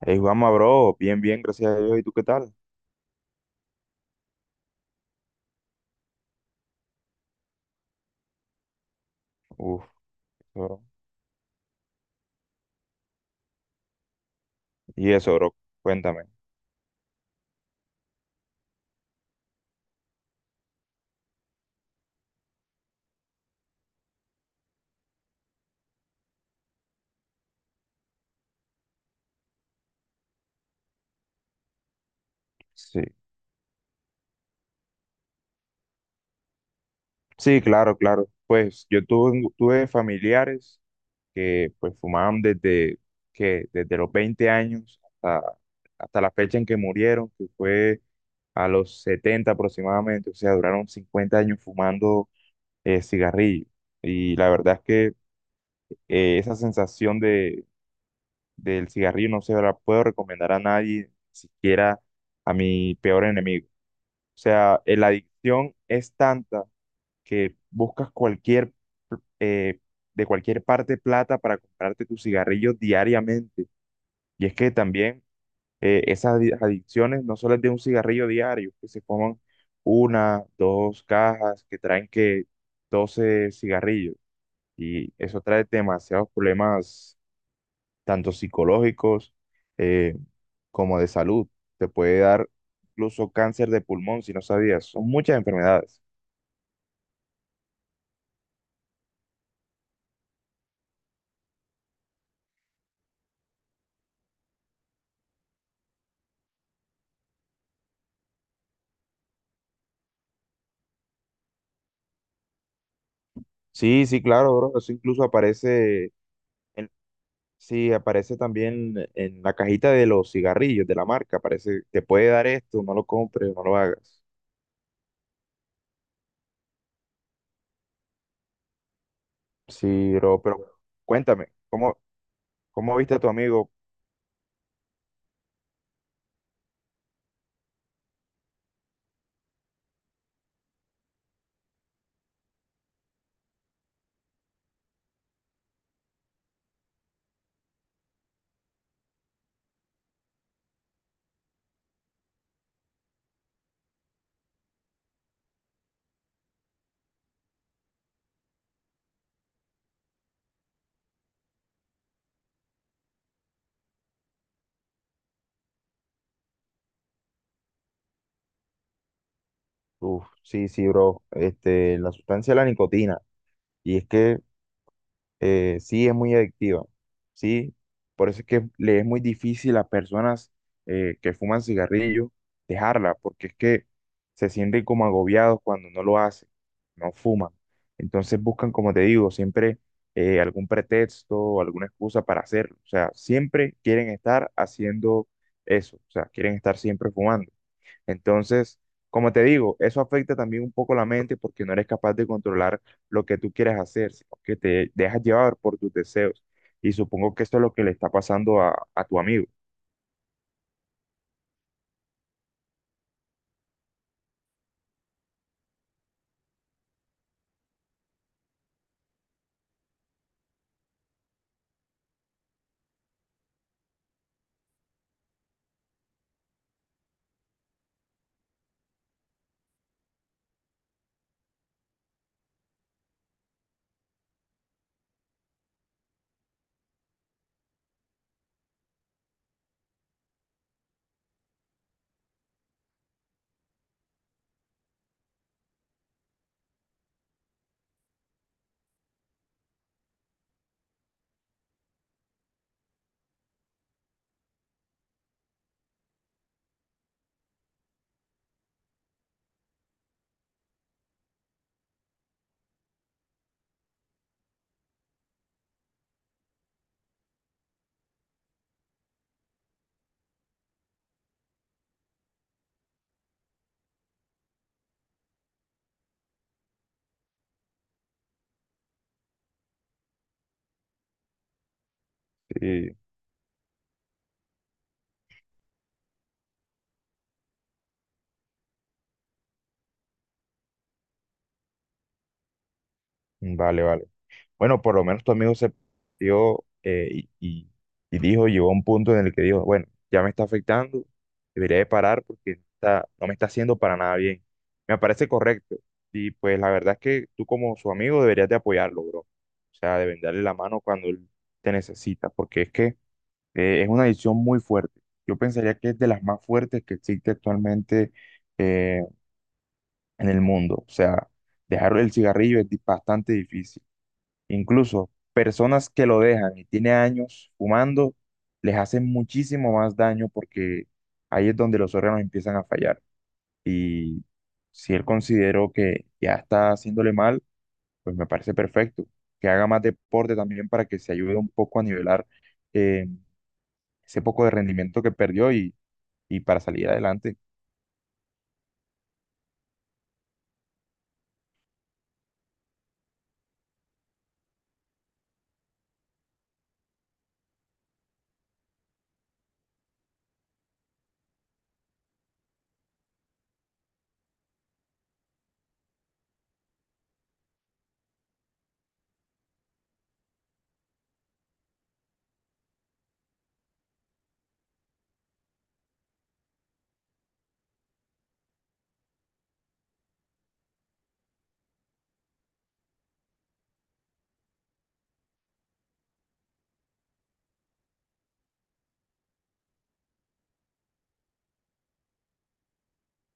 Hey, Juanma, bro, bien, bien, gracias a Dios. ¿Y tú qué tal? Uf, bro. Y eso, bro, cuéntame. Sí, sí, claro, claro. Pues yo tuve, familiares que pues fumaban desde, desde los 20 años hasta, hasta la fecha en que murieron, que fue a los 70 aproximadamente. O sea, duraron 50 años fumando cigarrillo. Y la verdad es que esa sensación de del cigarrillo no se la puedo recomendar a nadie, ni siquiera a mi peor enemigo. O sea, la adicción es tanta que buscas eh, de cualquier parte plata para comprarte tus cigarrillos diariamente. Y es que también esas adicciones no solo es de un cigarrillo diario, que se coman una, dos cajas que traen que 12 cigarrillos. Y eso trae demasiados problemas tanto psicológicos eh, como de salud. Te puede dar incluso cáncer de pulmón, si no sabías. Son muchas enfermedades. Sí, sí, claro, bro. Eso incluso en, sí, aparece también en la cajita de los cigarrillos de la marca. Aparece, te puede dar esto, no lo compres, no lo hagas. Sí, bro, pero cuéntame, ¿cómo, cómo viste a tu amigo? Uf, sí, sí, bro. Este, la sustancia de la nicotina. Y es que sí es muy adictiva, sí, por eso es que le es muy difícil a personas que fuman cigarrillo dejarla, porque es que se sienten como agobiados cuando no lo hacen, no fuman. Entonces buscan, como te digo, siempre algún pretexto o alguna excusa para hacerlo. O sea, siempre quieren estar haciendo eso, o sea, quieren estar siempre fumando. Entonces, como te digo, eso afecta también un poco la mente porque no eres capaz de controlar lo que tú quieres hacer, sino que te dejas llevar por tus deseos. Y supongo que esto es lo que le está pasando a tu amigo. eh, Vale, vale. Bueno, por lo menos tu amigo se dio y dijo, llegó a un punto en el que dijo, bueno, ya me está afectando, debería de parar porque no está, no me está haciendo para nada bien. Me parece correcto. Y pues la verdad es que tú como su amigo deberías de apoyarlo, bro. O sea, deben darle la mano cuando él te necesita, porque es que es una adicción muy fuerte. Yo pensaría que es de las más fuertes que existe actualmente eh, en el mundo. O sea, dejar el cigarrillo es bastante difícil. Incluso personas que lo dejan y tiene años fumando, les hacen muchísimo más daño porque ahí es donde los órganos empiezan a fallar. Y si él consideró que ya está haciéndole mal, pues me parece perfecto. Que haga más deporte también para que se ayude un poco a nivelar eh, ese poco de rendimiento que perdió y para salir adelante.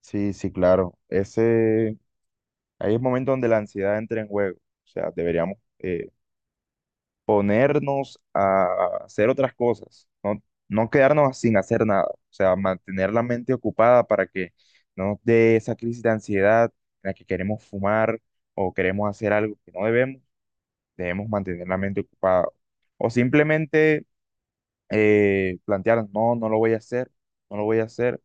Sí, sí, claro. Ese, ahí es el momento donde la ansiedad entra en juego. O sea, deberíamos ponernos a hacer otras cosas, no, no quedarnos sin hacer nada, o sea, mantener la mente ocupada para que no nos dé esa crisis de ansiedad en la que queremos fumar o queremos hacer algo que no debemos, debemos mantener la mente ocupada. O simplemente plantear, no, no lo voy a hacer, no lo voy a hacer.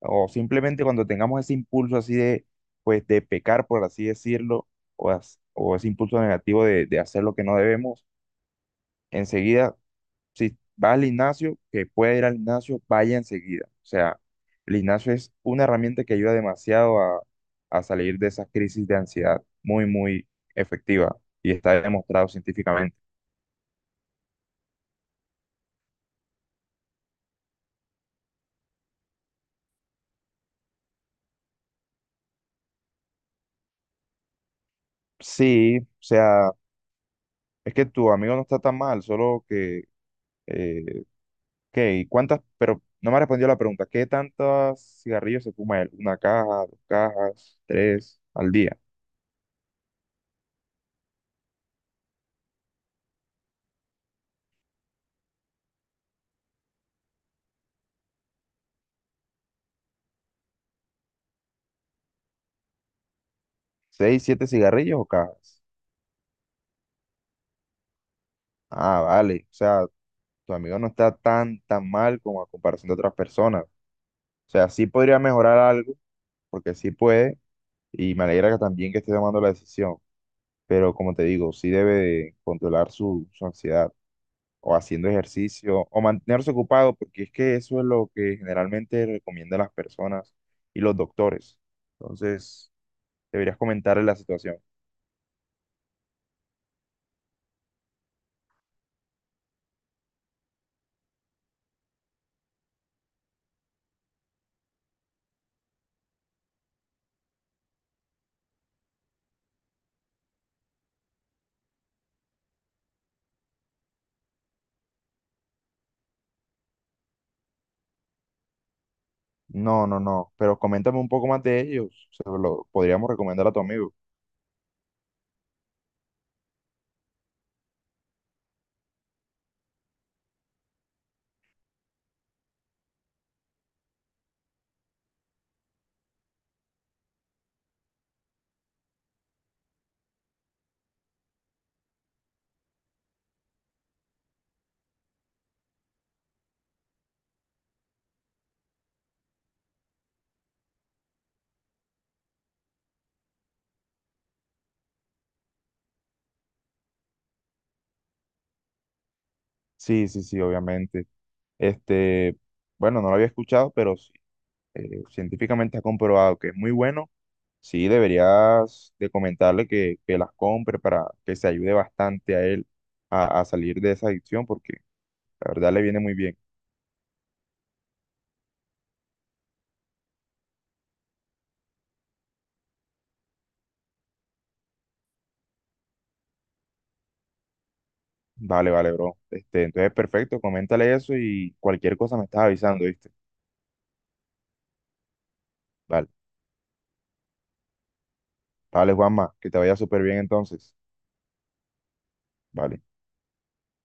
O simplemente cuando tengamos ese impulso así de, pues, de pecar, por así decirlo, o ese impulso negativo de hacer lo que no debemos, enseguida si va al gimnasio, que puede ir al gimnasio, vaya enseguida. O sea, el gimnasio es una herramienta que ayuda demasiado a salir de esas crisis de ansiedad, muy, muy efectiva y está demostrado científicamente. Sí, o sea, es que tu amigo no está tan mal, solo que, eh, ¿qué? ¿Cuántas? Pero no me ha respondido la pregunta, ¿qué tantos cigarrillos se fuma él? ¿Una caja, dos cajas, tres al día? ¿Seis, siete cigarrillos o cajas? Ah, vale, o sea, tu amigo no está tan, tan mal como a comparación de otras personas. O sea, sí podría mejorar algo, porque sí puede, y me alegra que también que esté tomando la decisión, pero como te digo, sí debe de controlar su, su ansiedad, o haciendo ejercicio, o mantenerse ocupado, porque es que eso es lo que generalmente recomiendan las personas y los doctores. Entonces, deberías comentarle la situación. No, no, no, pero coméntame un poco más de ellos, se lo podríamos recomendar a tu amigo. Sí, sí, sí, obviamente. Este, bueno, no lo había escuchado, pero sí, científicamente ha comprobado que es muy bueno. Sí, deberías de comentarle que las compre para que se ayude bastante a él a salir de esa adicción, porque la verdad le viene muy bien. Vale, vale, bro. Este, entonces, perfecto, coméntale eso y cualquier cosa me estás avisando, ¿viste? Vale, vale, Juanma, que te vaya súper bien entonces. Vale.